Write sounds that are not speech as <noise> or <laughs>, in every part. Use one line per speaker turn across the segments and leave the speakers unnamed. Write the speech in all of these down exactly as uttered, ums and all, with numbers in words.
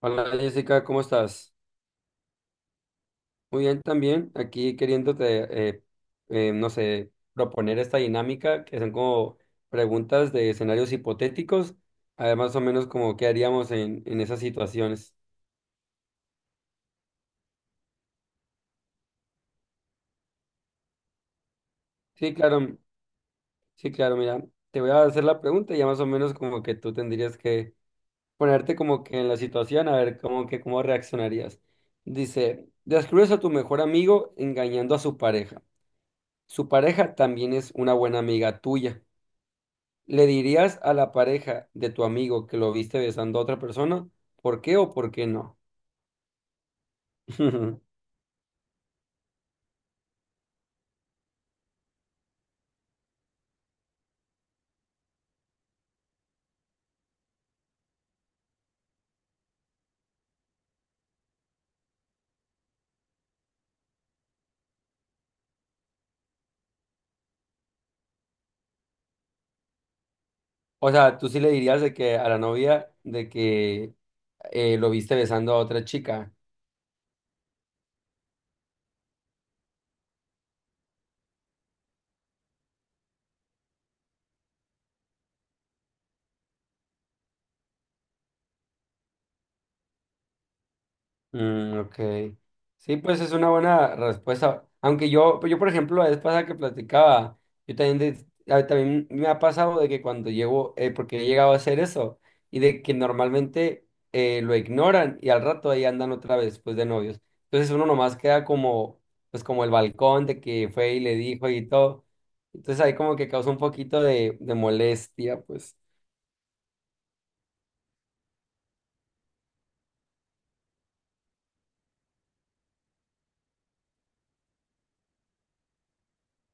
Hola Jessica, ¿cómo estás? Muy bien también, aquí queriéndote, eh, eh, no sé, proponer esta dinámica que son como preguntas de escenarios hipotéticos, a ver, más o menos como qué haríamos en, en esas situaciones. Sí, claro, sí, claro, mira, te voy a hacer la pregunta y ya más o menos como que tú tendrías que ponerte como que en la situación, a ver cómo que cómo reaccionarías. Dice, descubres a tu mejor amigo engañando a su pareja. Su pareja también es una buena amiga tuya. ¿Le dirías a la pareja de tu amigo que lo viste besando a otra persona? ¿Por qué o por qué no? <laughs> O sea, tú sí le dirías de que a la novia de que eh, lo viste besando a otra chica. Mm, ok. Sí, pues es una buena respuesta. Aunque yo, yo por ejemplo, la vez pasada que platicaba, yo también, de- a- también me ha pasado de que cuando llego, eh, porque he llegado a hacer eso, y de que normalmente eh, lo ignoran y al rato ahí andan otra vez, pues de novios. Entonces uno nomás queda como, pues como el balcón de que fue y le dijo y todo. Entonces ahí como que causa un poquito de, de molestia, pues.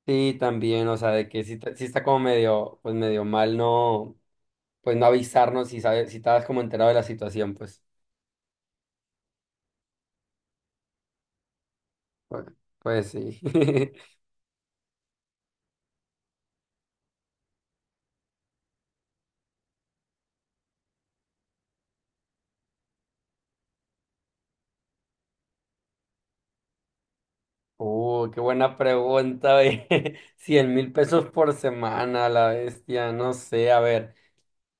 Sí, también, o sea, de que sí, ta- sí está como medio, pues medio mal, no. Pues no avisarnos si sabes, si estabas como enterado de la situación, pues. Pues, pues sí. <laughs> Uh, qué buena pregunta, ve. <laughs> cien mil pesos por semana, la bestia, no sé, a ver.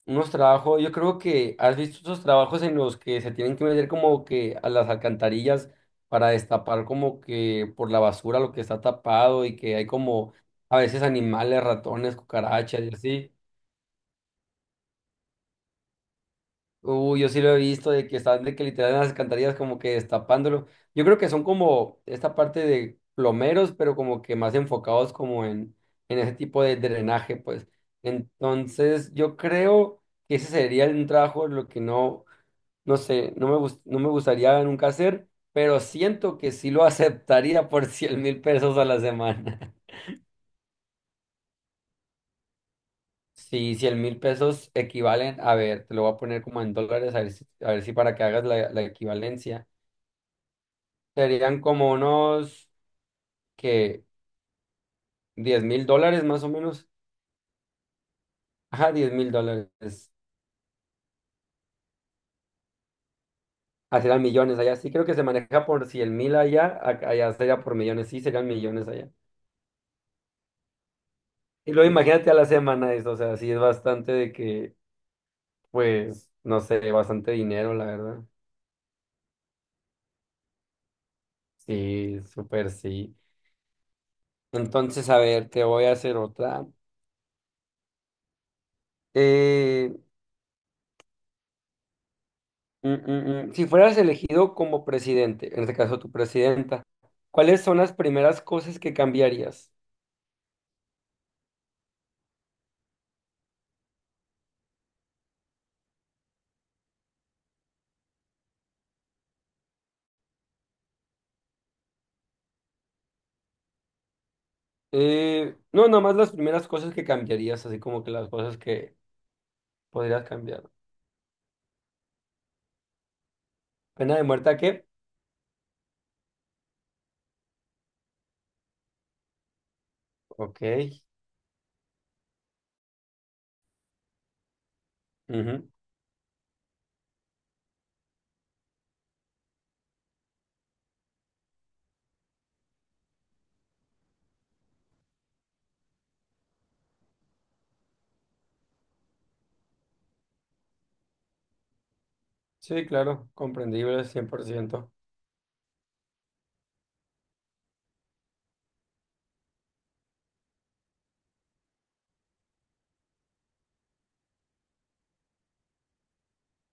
Unos trabajos, yo creo que has visto esos trabajos en los que se tienen que meter como que a las alcantarillas para destapar como que por la basura lo que está tapado y que hay como a veces animales, ratones, cucarachas y así. Uy, yo sí lo he visto de que están de que literal en las alcantarillas como que destapándolo. Yo creo que son como esta parte de plomeros, pero como que más enfocados como en, en ese tipo de drenaje, pues. Entonces, yo creo que ese sería un trabajo lo que no, no sé, no me gus- no me gustaría nunca hacer, pero siento que sí lo <laughs> aceptaría por cien mil pesos a la semana. <laughs> Sí, cien mil pesos equivalen, a ver, te lo voy a poner como en dólares, a ver si, a ver si para que hagas la la equivalencia. Serían como unos que diez mil dólares más o menos. Ajá, diez mil dólares. Así eran millones allá. Sí, creo que se maneja por cien mil allá. ac- Allá sería por millones. Sí, serían millones allá. Y luego imagínate a la semana eso. O sea, sí es bastante de que, pues, no sé, bastante dinero, la verdad. Sí, súper sí. Entonces, a ver, te voy a hacer otra. Eh, mm, mm, mm. Si fueras elegido como presidente, en este caso tu presidenta, ¿cuáles son las primeras cosas que cambiarías? Eh, no, nada más las primeras cosas que cambiarías, así como que las cosas que podrías cambiar. ¿Pena de muerte a qué? Ok. Ujú. Sí, claro, comprendible, cien por ciento.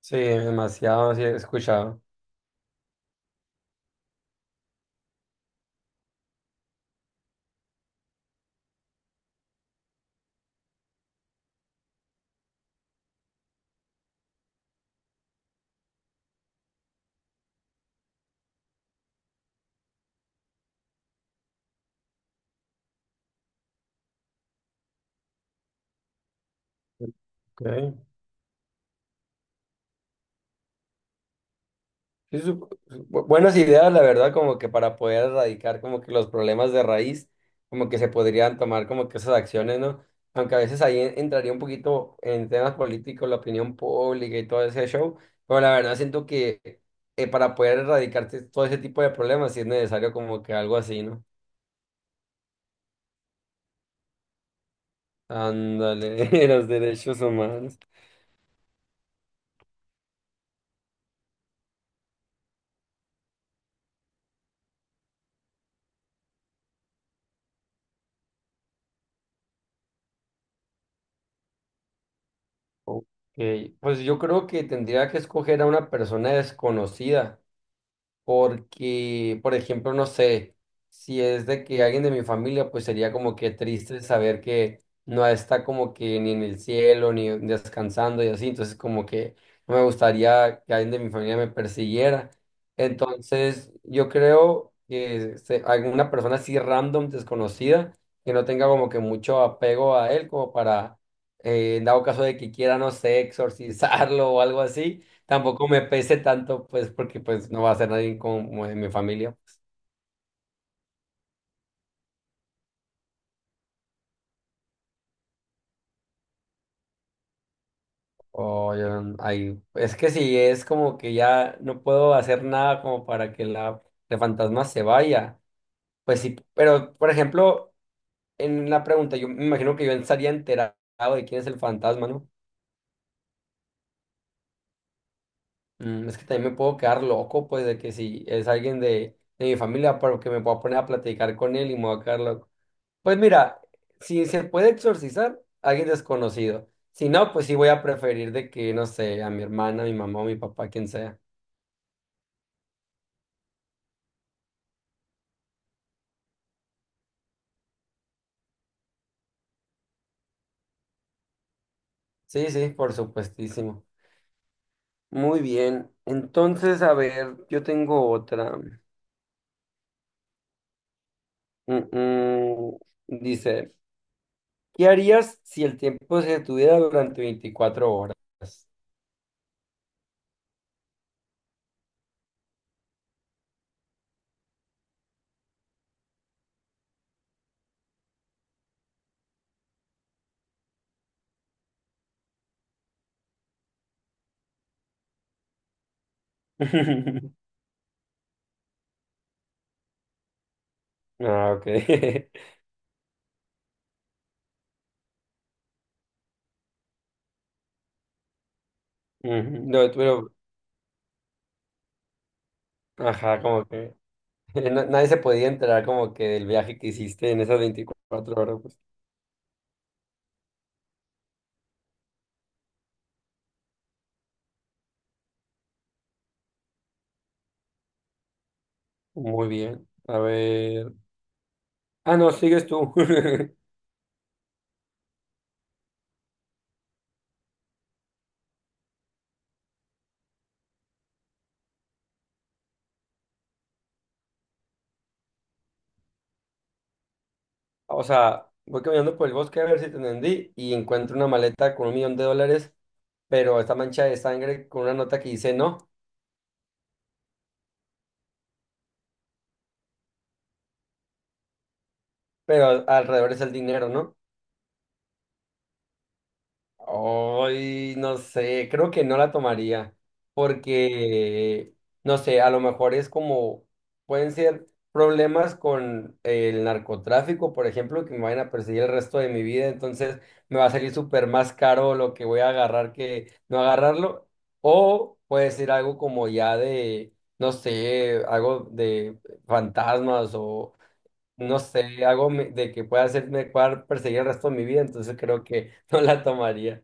Sí, demasiado, sí, he escuchado. Ok. Sí, su- bu- buenas ideas, la verdad, como que para poder erradicar como que los problemas de raíz, como que se podrían tomar como que esas acciones, ¿no? Aunque a veces ahí en- entraría un poquito en temas políticos, la opinión pública y todo ese show, pero la verdad siento que eh, para poder erradicar te- todo ese tipo de problemas sí es necesario como que algo así, ¿no? Ándale, <laughs> los derechos humanos. Ok, pues yo creo que tendría que escoger a una persona desconocida. Porque, por ejemplo, no sé, si es de que alguien de mi familia, pues sería como que triste saber que no está como que ni en el cielo, ni descansando y así. Entonces, como que no me gustaría que alguien de mi familia me persiguiera. Entonces, yo creo que se- alguna persona así random, desconocida, que no tenga como que mucho apego a él, como para, eh, en dado caso de que quiera, no sé, exorcizarlo o algo así. Tampoco me pese tanto, pues, porque pues no va a ser nadie como de mi familia. O yo, no- ahí. Es que si es como que ya no puedo hacer nada como para que la, el fantasma se vaya. Pues sí, pero por ejemplo, en la pregunta, yo me imagino que yo estaría enterado de quién es el fantasma, ¿no? Mm, es que también me puedo quedar loco, pues, de que si es alguien de, de mi familia, pero que me pueda poner a platicar con él y me voy a quedar loco. Pues mira, si se puede exorcizar, alguien desconocido. Si no, pues sí voy a preferir de que, no sé, a mi hermana, a mi mamá, o mi papá, quien sea. Sí, sí, por supuestísimo. Muy bien. Entonces, a ver, yo tengo otra. Mm, mm. Dice, ¿qué harías si el tiempo se detuviera durante veinticuatro horas? <laughs> Ah, ok. <laughs> Ujú. No, pero, ajá, como que <laughs> na- nadie se podía enterar como que del viaje que hiciste en esas veinticuatro horas. Muy bien. A ver. Ah, no, sigues tú. <laughs> O sea, voy caminando por el bosque a ver si te entendí y encuentro una maleta con un millón de dólares, pero esta mancha de sangre con una nota que dice no, pero alrededor es el dinero, ¿no? Hoy, no sé, creo que no la tomaría, porque, no sé, a lo mejor es como, pueden ser problemas con el narcotráfico, por ejemplo, que me vayan a perseguir el resto de mi vida, entonces me va a salir súper más caro lo que voy a agarrar que no agarrarlo, o puede ser algo como ya de, no sé, algo de fantasmas o... No sé, algo me- de que pueda hacerme pueda perseguir el resto de mi vida, entonces creo que <laughs> no la tomaría.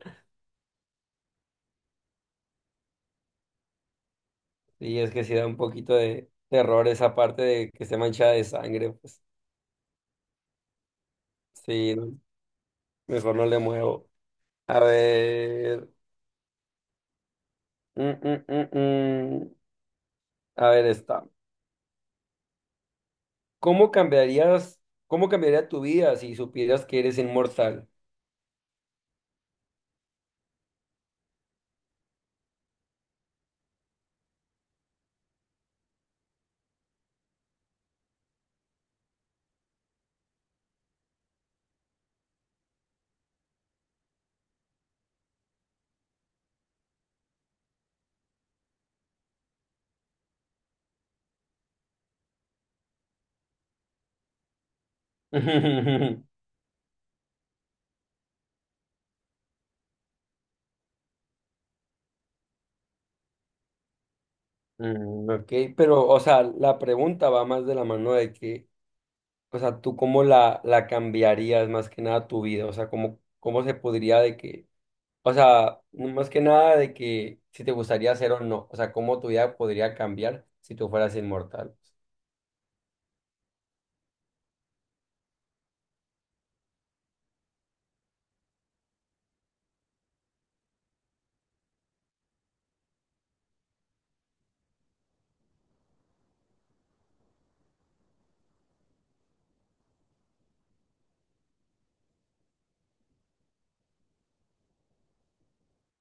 Y es que sí da un poquito de terror esa parte de que esté manchada de sangre, pues sí, no, mejor no le muevo. A ver, mm, mm, mm, mm. A ver, está. ¿Cómo cambiarías, cómo cambiaría tu vida si supieras que eres inmortal? <laughs> Mm, ok, pero, o sea, la pregunta va más de la mano de que, o sea, tú cómo la, la cambiarías más que nada tu vida, o sea, cómo, cómo se podría de que. O sea, más que nada de que si te gustaría ser o no, o sea, cómo tu vida podría cambiar si tú fueras inmortal.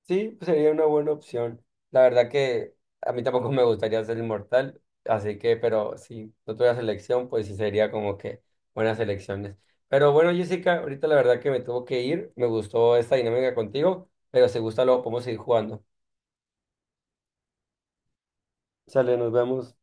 Sí, pues sería una buena opción. La verdad que a mí tampoco <laughs> me gustaría ser inmortal, así que, pero si no tuviera selección, pues sí sería como que buenas elecciones. Pero bueno, Jessica, ahorita la verdad que me tuvo que ir, me gustó esta dinámica contigo, pero si gusta luego podemos seguir jugando. Sale, nos vemos.